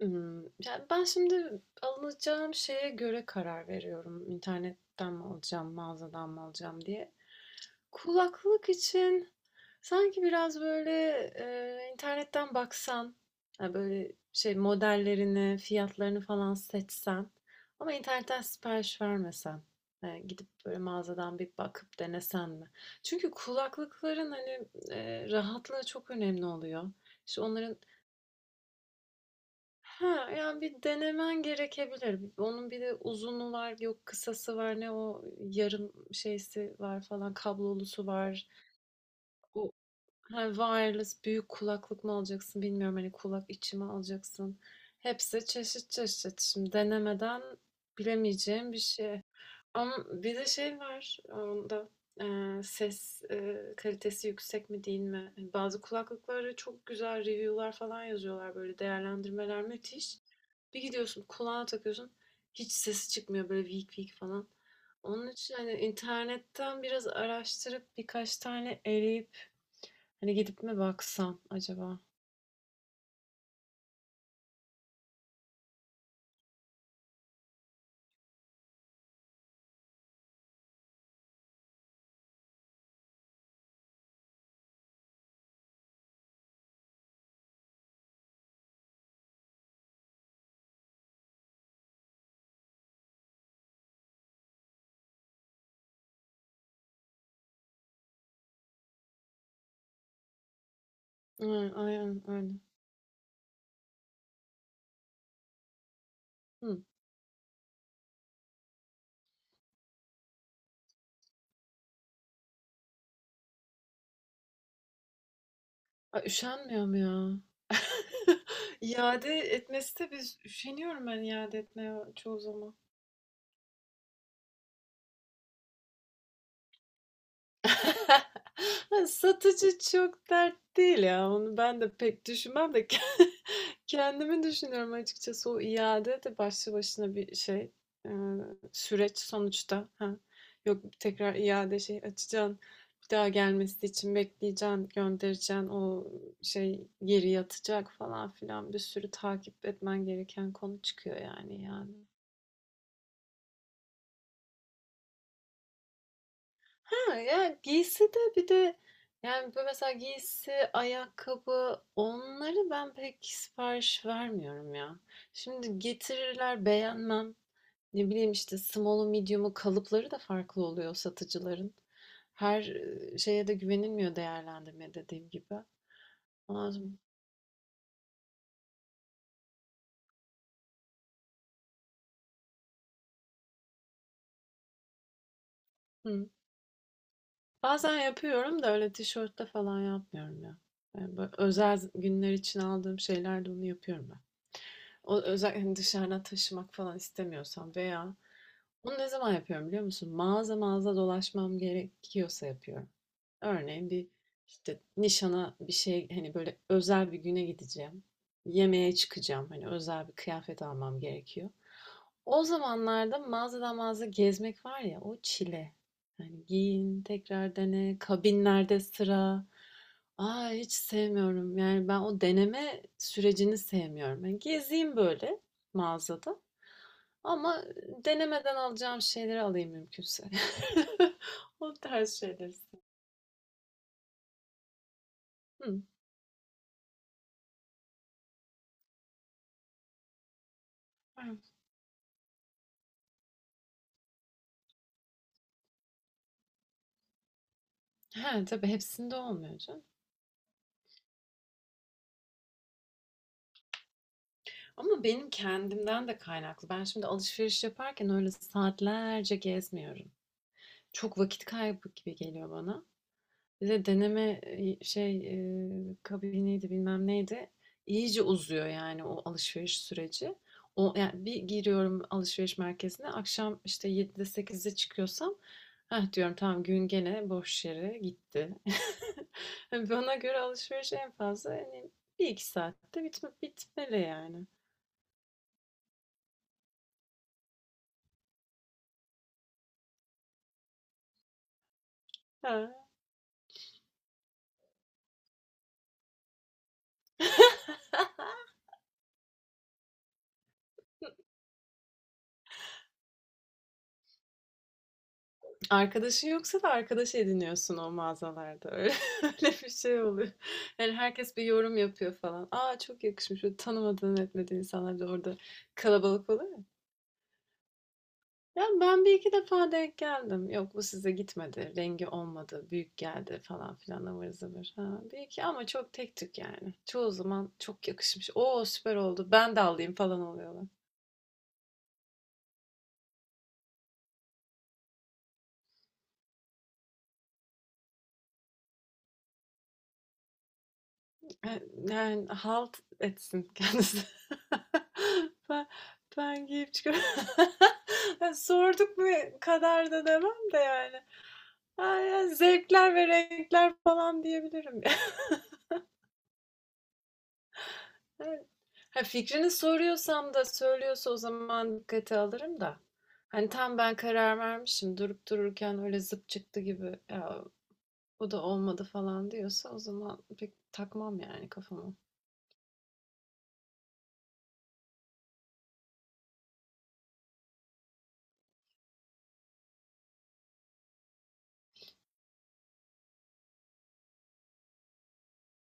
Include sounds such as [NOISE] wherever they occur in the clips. Ya, ben şimdi alacağım şeye göre karar veriyorum. İnternetten mi alacağım, mağazadan mı alacağım diye. Kulaklık için sanki biraz böyle, internetten baksan, hani, böyle, şey, modellerini, fiyatlarını falan seçsen ama internetten sipariş vermesen, gidip böyle mağazadan bir bakıp denesen mi? Çünkü kulaklıkların, hani, rahatlığı çok önemli oluyor. İşte, onların. Ha, yani bir denemen gerekebilir. Onun bir de uzunu var, yok kısası var, ne o yarım şeysi var falan, kablolusu var. O. Ha, wireless büyük kulaklık mı alacaksın bilmiyorum. Hani kulak içi mi alacaksın? Hepsi çeşit çeşit. Şimdi denemeden bilemeyeceğim bir şey. Ama bir de şey var onda, ses, kalitesi yüksek mi değil mi? Hani bazı kulaklıklara çok güzel review'lar falan yazıyorlar, böyle değerlendirmeler müthiş. Bir gidiyorsun, kulağına takıyorsun, hiç sesi çıkmıyor, böyle vik vik falan. Onun için hani internetten biraz araştırıp birkaç tane eleyip hani gidip mi baksam acaba? Aynen, aynen öyle. Hı. A, üşenmiyorum ya. [LAUGHS] İade etmesi de biz üşeniyorum ben iade etmeye çoğu zaman. Ha, satıcı çok dert değil ya. Onu ben de pek düşünmem de [LAUGHS] kendimi düşünüyorum açıkçası. O iade de başlı başına bir şey, eee, süreç sonuçta. Ha, yok, tekrar iade şey açacaksın, bir daha gelmesi için bekleyeceksin, göndereceksin, o şey geri yatacak falan filan, bir sürü takip etmen gereken konu çıkıyor yani yani. Ha, yani giysi de bir de, yani böyle mesela giysi, ayakkabı, onları ben pek sipariş vermiyorum ya. Şimdi getirirler, beğenmem. Ne bileyim, işte small'u, medium'u, kalıpları da farklı oluyor satıcıların. Her şeye de güvenilmiyor, değerlendirme dediğim gibi. Ama. Hı. Bazen yapıyorum da öyle tişörtte falan yapmıyorum ya. Yani böyle özel günler için aldığım şeylerde onu yapıyorum ben. O özellikle hani dışarıdan taşımak falan istemiyorsam veya bunu ne zaman yapıyorum biliyor musun? Mağaza mağaza dolaşmam gerekiyorsa yapıyorum. Örneğin bir işte nişana bir şey, hani böyle özel bir güne gideceğim. Yemeğe çıkacağım. Hani özel bir kıyafet almam gerekiyor. O zamanlarda mağazadan mağaza gezmek var ya, o çile. Yani giyin, tekrar dene, kabinlerde sıra. Aa, hiç sevmiyorum. Yani ben o deneme sürecini sevmiyorum. Yani gezeyim böyle mağazada. Ama denemeden alacağım şeyleri alayım mümkünse. [LAUGHS] O tarz şeyleri seviyorum. Hı. He, tabii hepsinde olmuyor canım. Ama benim kendimden de kaynaklı. Ben şimdi alışveriş yaparken öyle saatlerce gezmiyorum. Çok vakit kaybı gibi geliyor bana. Bir de deneme, şey, kabiniydi, bilmem neydi. İyice uzuyor yani o alışveriş süreci. O, yani bir giriyorum alışveriş merkezine, akşam işte 7'de sekizde çıkıyorsam, heh diyorum, tamam gün gene boş yere gitti. [LAUGHS] Hani bana göre alışveriş en fazla hani bir iki saatte bitmeli yani. Ha. [LAUGHS] Arkadaşın yoksa da arkadaş ediniyorsun o mağazalarda. Öyle, [LAUGHS] öyle bir şey oluyor. Yani herkes bir yorum yapıyor falan. Aa, çok yakışmış. Böyle tanımadığın etmediğin insanlar da orada kalabalık oluyor ya. Ya ben bir iki defa denk geldim. Yok bu size gitmedi. Rengi olmadı. Büyük geldi falan filan ıvır zıvır. Ha, bir iki, ama çok tek tük yani. Çoğu zaman çok yakışmış. Oo süper oldu. Ben de alayım falan oluyorlar. Eee, yani, halt etsin kendisi. [LAUGHS] Ben ben giyip çıkıyorum. [LAUGHS] Ya, sorduk mu kadar da demem de yani. Ha, ya, zevkler ve renkler falan diyebilirim. [LAUGHS] Evet. Ha, fikrini soruyorsam da söylüyorsa o zaman dikkate alırım da. Hani, tam ben karar vermişim, durup dururken öyle zıp çıktı gibi, "Ya, bu da olmadı." falan diyorsa o zaman pek takmam yani kafama.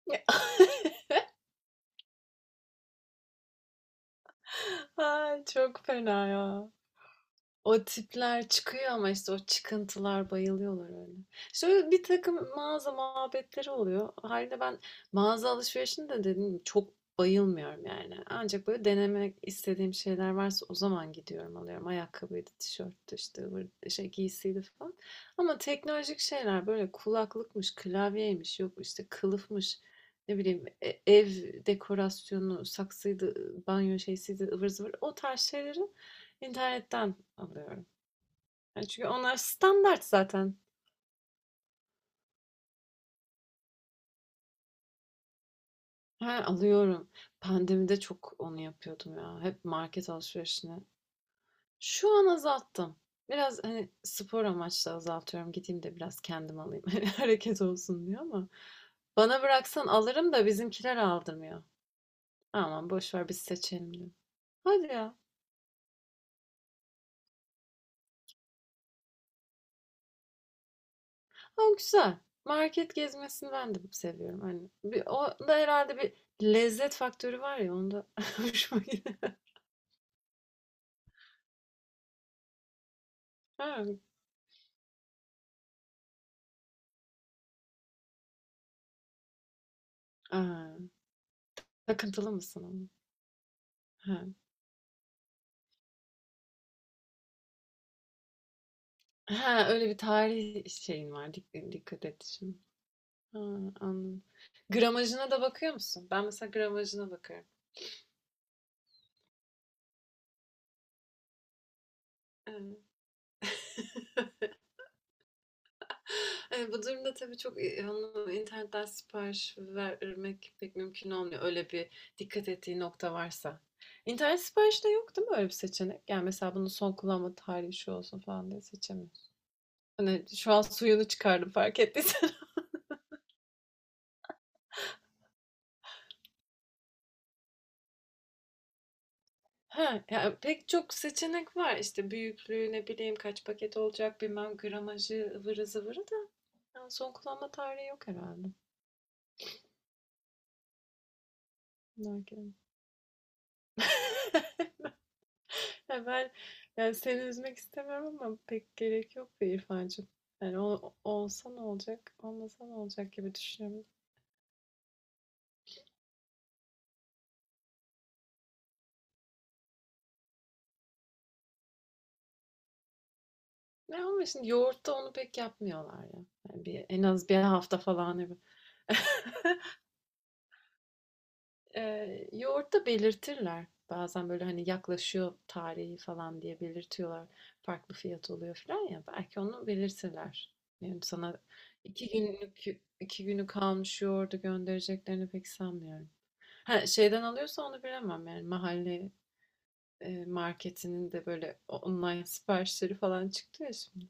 [LAUGHS] Ay, çok fena ya. O tipler çıkıyor, ama işte o çıkıntılar, bayılıyorlar öyle. Şöyle bir takım mağaza muhabbetleri oluyor. Hâliyle ben mağaza alışverişini de dedim gibi çok bayılmıyorum yani. Ancak böyle denemek istediğim şeyler varsa o zaman gidiyorum alıyorum. Ayakkabıydı, tişörttü işte, ıvır şey giysiydi falan. Ama teknolojik şeyler, böyle kulaklıkmış, klavyeymiş, yok işte kılıfmış, ne bileyim ev dekorasyonu, saksıydı, banyo şeysiydi, ıvır zıvır. O tarz şeyleri internetten alıyorum. Hani, çünkü onlar standart zaten. He, alıyorum. Pandemide çok onu yapıyordum ya. Hep market alışverişini. Şu an azalttım. Biraz, hani, spor amaçlı azaltıyorum. Gideyim de biraz kendim alayım. [LAUGHS] Hani, hareket olsun diyor, ama bana bıraksan alırım da bizimkiler aldırmıyor. Aman, boş ver, biz seçelim diyor. Hadi ya. Ama güzel. Market gezmesini ben de seviyorum. Hani, bir o da herhalde bir lezzet faktörü var ya onda [LAUGHS] hoşuma gidiyor. He. A! Takıntılı mısın ama? Ha. He, öyle bir tarih şeyin var, dikkat etmişim. Ha, anladım. Gramajına da bakıyor musun? Ben mesela gramajına bakarım. Evet. Bu durumda tabii çok, onu internetten sipariş vermek pek mümkün olmuyor, öyle bir dikkat ettiği nokta varsa. İnternet siparişte yok değil mi öyle bir seçenek? Yani mesela bunun son kullanma tarihi şu olsun falan diye seçemiyorsun. Hani şu an suyunu çıkardım, fark ettiysen. Ha, ya pek çok seçenek var. İşte büyüklüğü, ne bileyim kaç paket olacak, bilmem gramajı ıvırı zıvırı da, yani son kullanma tarihi yok herhalde. Nargilenin. [LAUGHS] Ya ben, yani seni üzmek istemiyorum ama pek gerek yok be İrfancığım. Yani olsa ne olacak, olmasa ne olacak gibi düşünüyorum. Ne ama, şimdi yoğurtta onu pek yapmıyorlar ya. Yani en az bir hafta falan gibi. [LAUGHS] Yoğurtta belirtirler. Bazen böyle hani yaklaşıyor tarihi falan diye belirtiyorlar. Farklı fiyat oluyor falan ya. Belki onu belirtirler. Yani sana iki günlük, iki günü kalmış yoğurdu göndereceklerini pek sanmıyorum. Ha, şeyden alıyorsa onu bilemem, yani mahalle marketinin de böyle online [LAUGHS] siparişleri falan çıktı ya şimdi.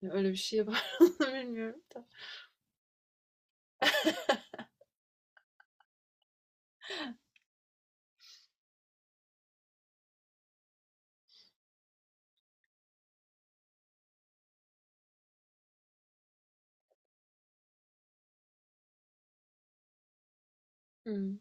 Hani öyle bir şey var, [LAUGHS] onu bilmiyorum da. Hı.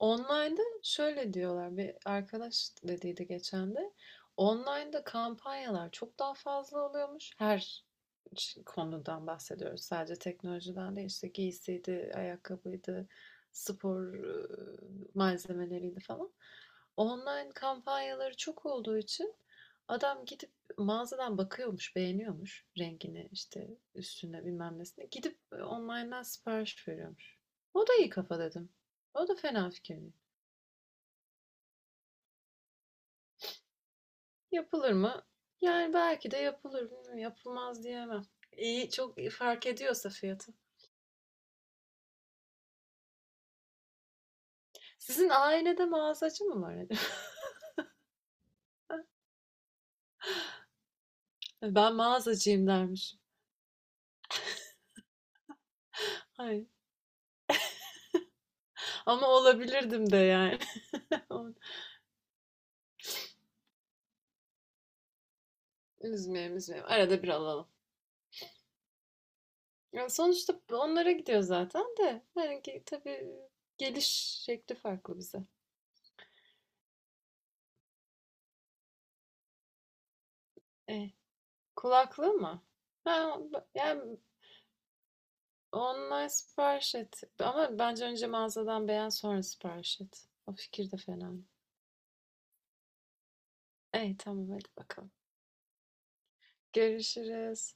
Online'da şöyle diyorlar, bir arkadaş dediydi geçen de, online'da kampanyalar çok daha fazla oluyormuş. Her konudan bahsediyoruz. Sadece teknolojiden değil, işte giysiydi, ayakkabıydı, spor malzemeleriydi falan. Online kampanyaları çok olduğu için adam gidip mağazadan bakıyormuş, beğeniyormuş rengini, işte üstüne bilmem nesine. Gidip online'dan sipariş veriyormuş. O da iyi kafa dedim. O da fena fikir değil. Yapılır mı? Yani belki de yapılır. Bilmiyorum, yapılmaz diyemem. İyi, çok iyi fark ediyorsa fiyatı. Sizin ailede mağazacı mı var acaba? [LAUGHS] Ben mağazacıyım dermişim. Hayır. Ama olabilirdim de yani. [LAUGHS] Üzmeyelim, üzmeyelim. Arada bir alalım. Ya sonuçta onlara gidiyor zaten de. Yani ki tabii geliş şekli farklı bize. E, kulaklığı mı? Ha, yani online sipariş et. Ama bence önce mağazadan beğen, sonra sipariş et. O fikir de fena. İyi, tamam, hadi bakalım. Görüşürüz.